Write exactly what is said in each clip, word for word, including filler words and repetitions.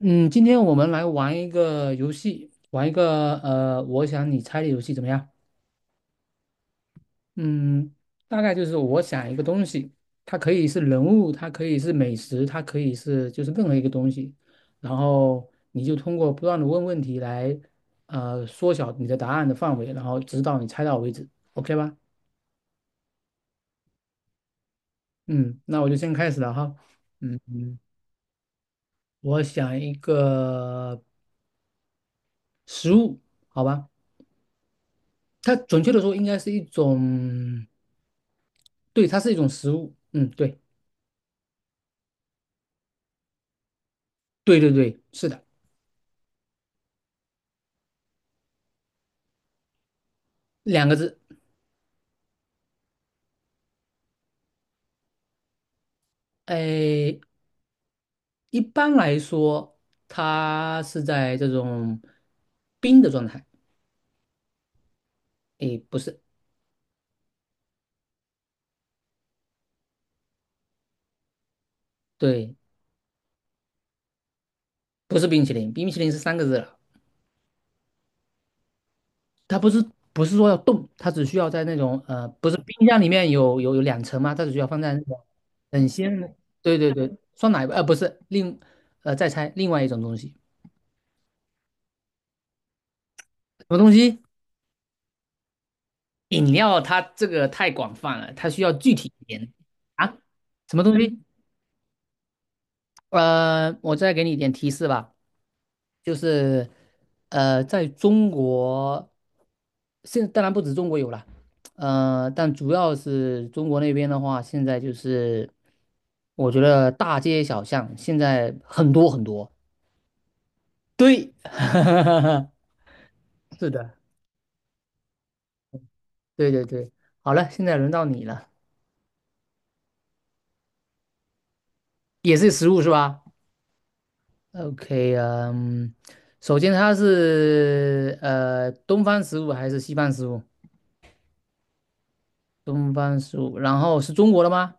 嗯，今天我们来玩一个游戏，玩一个呃，我想你猜的游戏怎么样？嗯，大概就是我想一个东西，它可以是人物，它可以是美食，它可以是就是任何一个东西，然后你就通过不断的问问题来呃缩小你的答案的范围，然后直到你猜到为止，OK 吧？嗯，那我就先开始了哈。嗯嗯我想一个食物，好吧？它准确的说应该是一种。对，它是一种食物。嗯，对，对对对，是的，两个字。哎，一般来说，它是在这种冰的状态。哎，不是，对，不是冰淇淋，冰淇淋是三个字了。它不是不是说要冻，它只需要在那种呃，不是冰箱里面有有有两层嘛，它只需要放在那种很鲜的，对对对，酸奶吧，呃，不是，另呃再猜另外一种东西，什么东西？饮料它这个太广泛了，它需要具体一点啊。什么东西？呃，我再给你一点提示吧，就是呃，在中国，现在当然不止中国有了，呃，但主要是中国那边的话，现在就是我觉得大街小巷现在很多很多。对，是的，对对对。好了，现在轮到你了，也是食物是吧？OK 啊嗯，首先它是呃东方食物还是西方食物？东方食物，然后是中国的吗？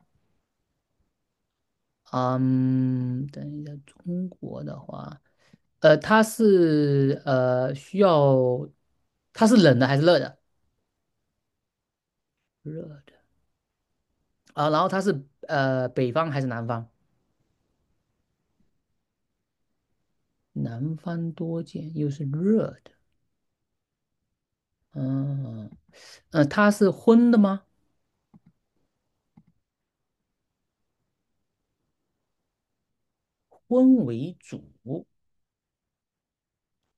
嗯，等一下，中国的话，呃，它是呃需要，它是冷的还是热的？热的啊，然后它是呃北方还是南方？南方多见，又是热的，嗯，呃，它是荤的吗？荤为主，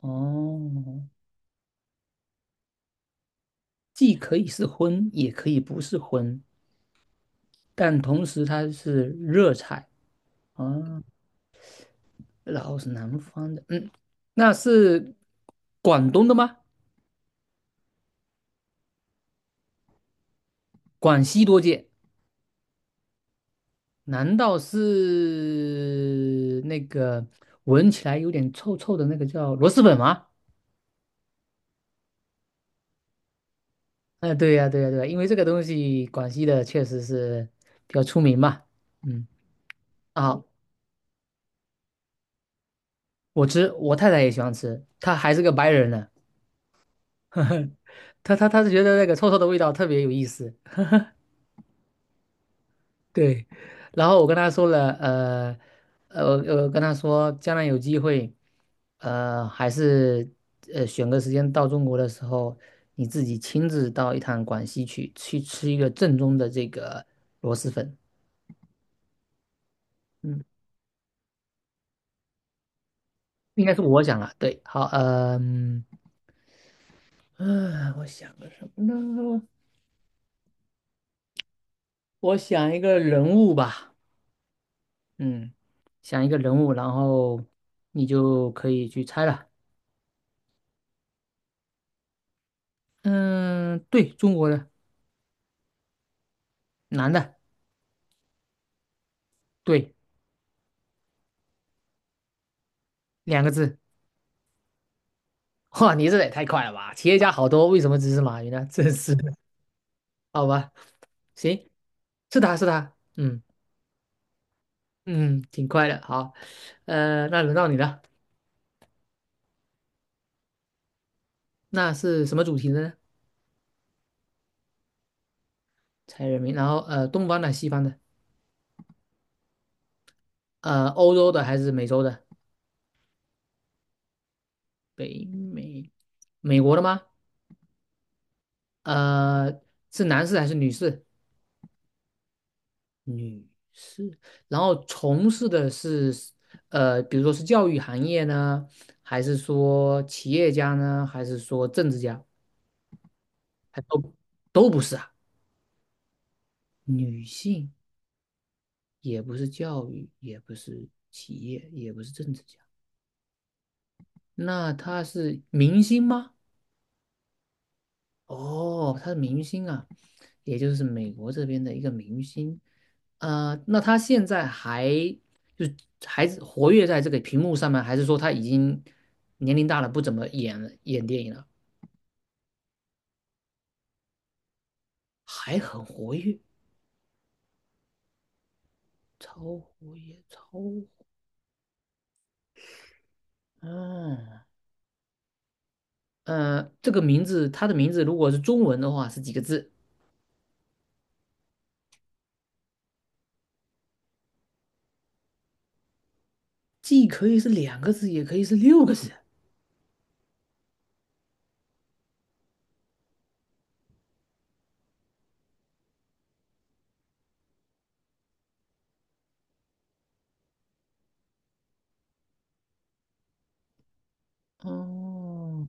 哦。既可以是荤，也可以不是荤，但同时它是热菜啊，然后是南方的，嗯，那是广东的吗？广西多见，难道是那个闻起来有点臭臭的那个叫螺蛳粉吗？哎，对呀，对呀，对呀，因为这个东西广西的确实是比较出名嘛，嗯，啊，我吃，我太太也喜欢吃，她还是个白人呢。他他他是觉得那个臭臭的味道特别有意思，对。然后我跟他说了，呃，呃，呃，跟他说将来有机会，呃，还是呃选个时间到中国的时候，你自己亲自到一趟广西去，去吃一个正宗的这个螺蛳粉。嗯，应该是我讲了，对，好，嗯、嗯啊我想个什么呢？我想一个人物吧，嗯，想一个人物，然后你就可以去猜了。嗯，对，中国的男的，对，两个字。哇，你这也太快了吧！企业家好多，为什么只是马云呢？真是的，好吧，行，是他是他，嗯嗯，挺快的。好，呃，那轮到你了，那是什么主题的呢？猜人名，然后呃，东方的、西方的，呃，欧洲的还是美洲的？北美，美国的吗？呃，是男士还是女士？女士，然后从事的是，呃，比如说是教育行业呢，还是说企业家呢，还是说政治家，还都都不是啊。女性也不是教育，也不是企业，也不是政治家，那她是明星吗？哦，他是明星啊，也就是美国这边的一个明星。呃，那他现在还就还活跃在这个屏幕上面，还是说他已经年龄大了，不怎么演了演电影了，还很活跃，超活跃，超活嗯，呃，这个名字，他的名字如果是中文的话是几个字？既可以是两个字，也可以是六个字。哦，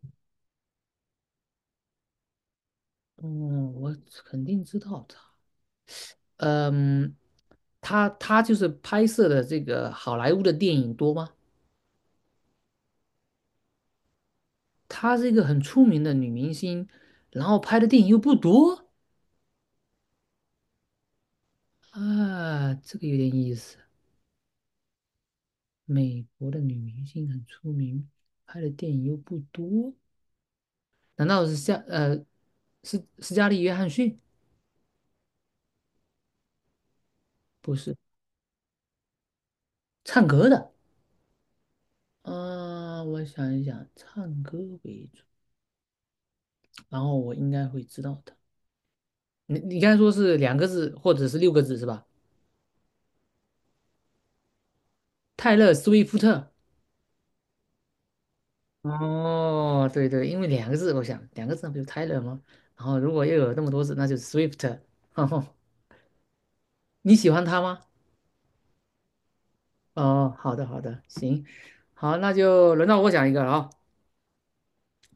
嗯，我肯定知道，他。嗯，她她就是拍摄的这个好莱坞的电影多吗？她是一个很出名的女明星，然后拍的电影又不多啊，这个有点意思。美国的女明星很出名，拍的电影又不多，难道是夏呃是斯嘉丽·约翰逊？不是，唱歌的。啊，我想一想，唱歌为主，然后我应该会知道的。你你刚才说是两个字或者是六个字是吧？泰勒·斯威夫特。哦，对对，因为两个字，我想两个字那不就 Tyler 吗？然后如果又有那么多字，那就是 Swift。哈，你喜欢他吗？哦，好的好的，行，好，那就轮到我讲一个了啊、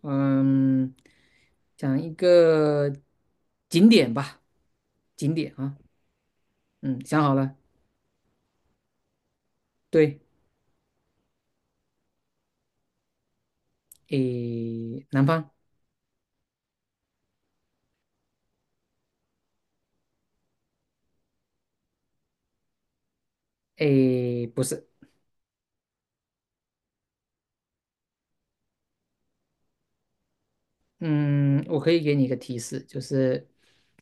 嗯，讲一个景点吧，景点啊，嗯，想好了，对，诶，南方，诶，不是，嗯，我可以给你一个提示，就是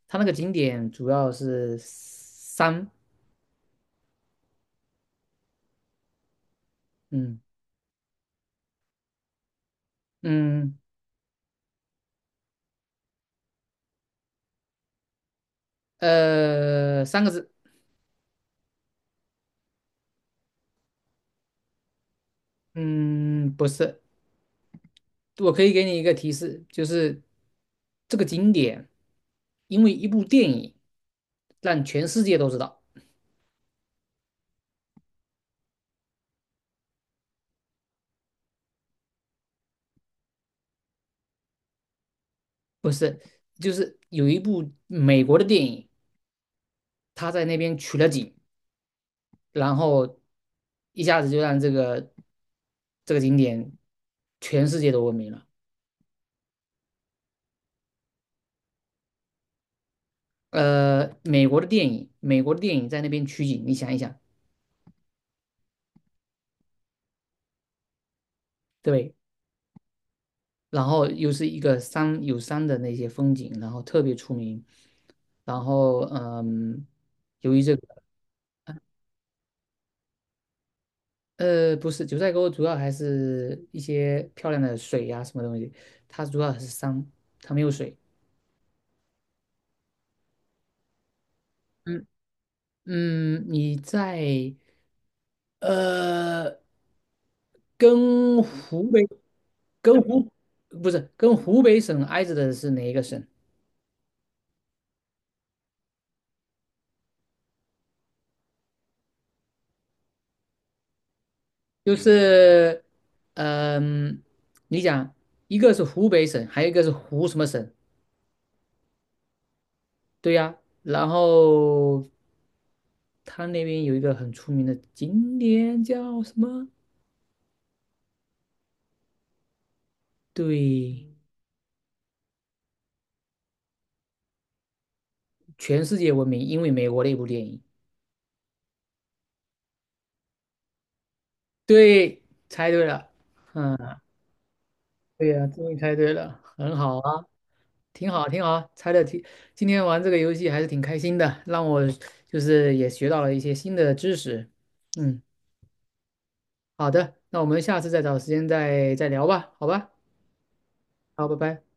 它那个景点主要是山，嗯。嗯，呃，三个字，嗯，不是，我可以给你一个提示，就是这个景点，因为一部电影让全世界都知道，不是，就是有一部美国的电影，他在那边取了景，然后一下子就让这个这个景点全世界都闻名了。呃，美国的电影，美国的电影在那边取景，你想一想，对。然后又是一个山有山的那些风景，然后特别出名。然后嗯，由于这个呃不是九寨沟，主要还是一些漂亮的水呀、什么东西，它主要还是山，它没有水。嗯嗯，你在呃跟湖北跟湖不是跟湖北省挨着的是哪一个省？就是呃嗯，你讲一个是湖北省，还有一个是湖什么省？对呀，然后他那边有一个很出名的景点叫什么？对，全世界闻名，因为美国的一部电影。对，猜对了。对呀，终于猜对了，很好啊，挺好，挺好啊，猜的挺。今天玩这个游戏还是挺开心的，让我就是也学到了一些新的知识。嗯，好的，那我们下次再找时间再再聊吧，好吧？好，拜拜。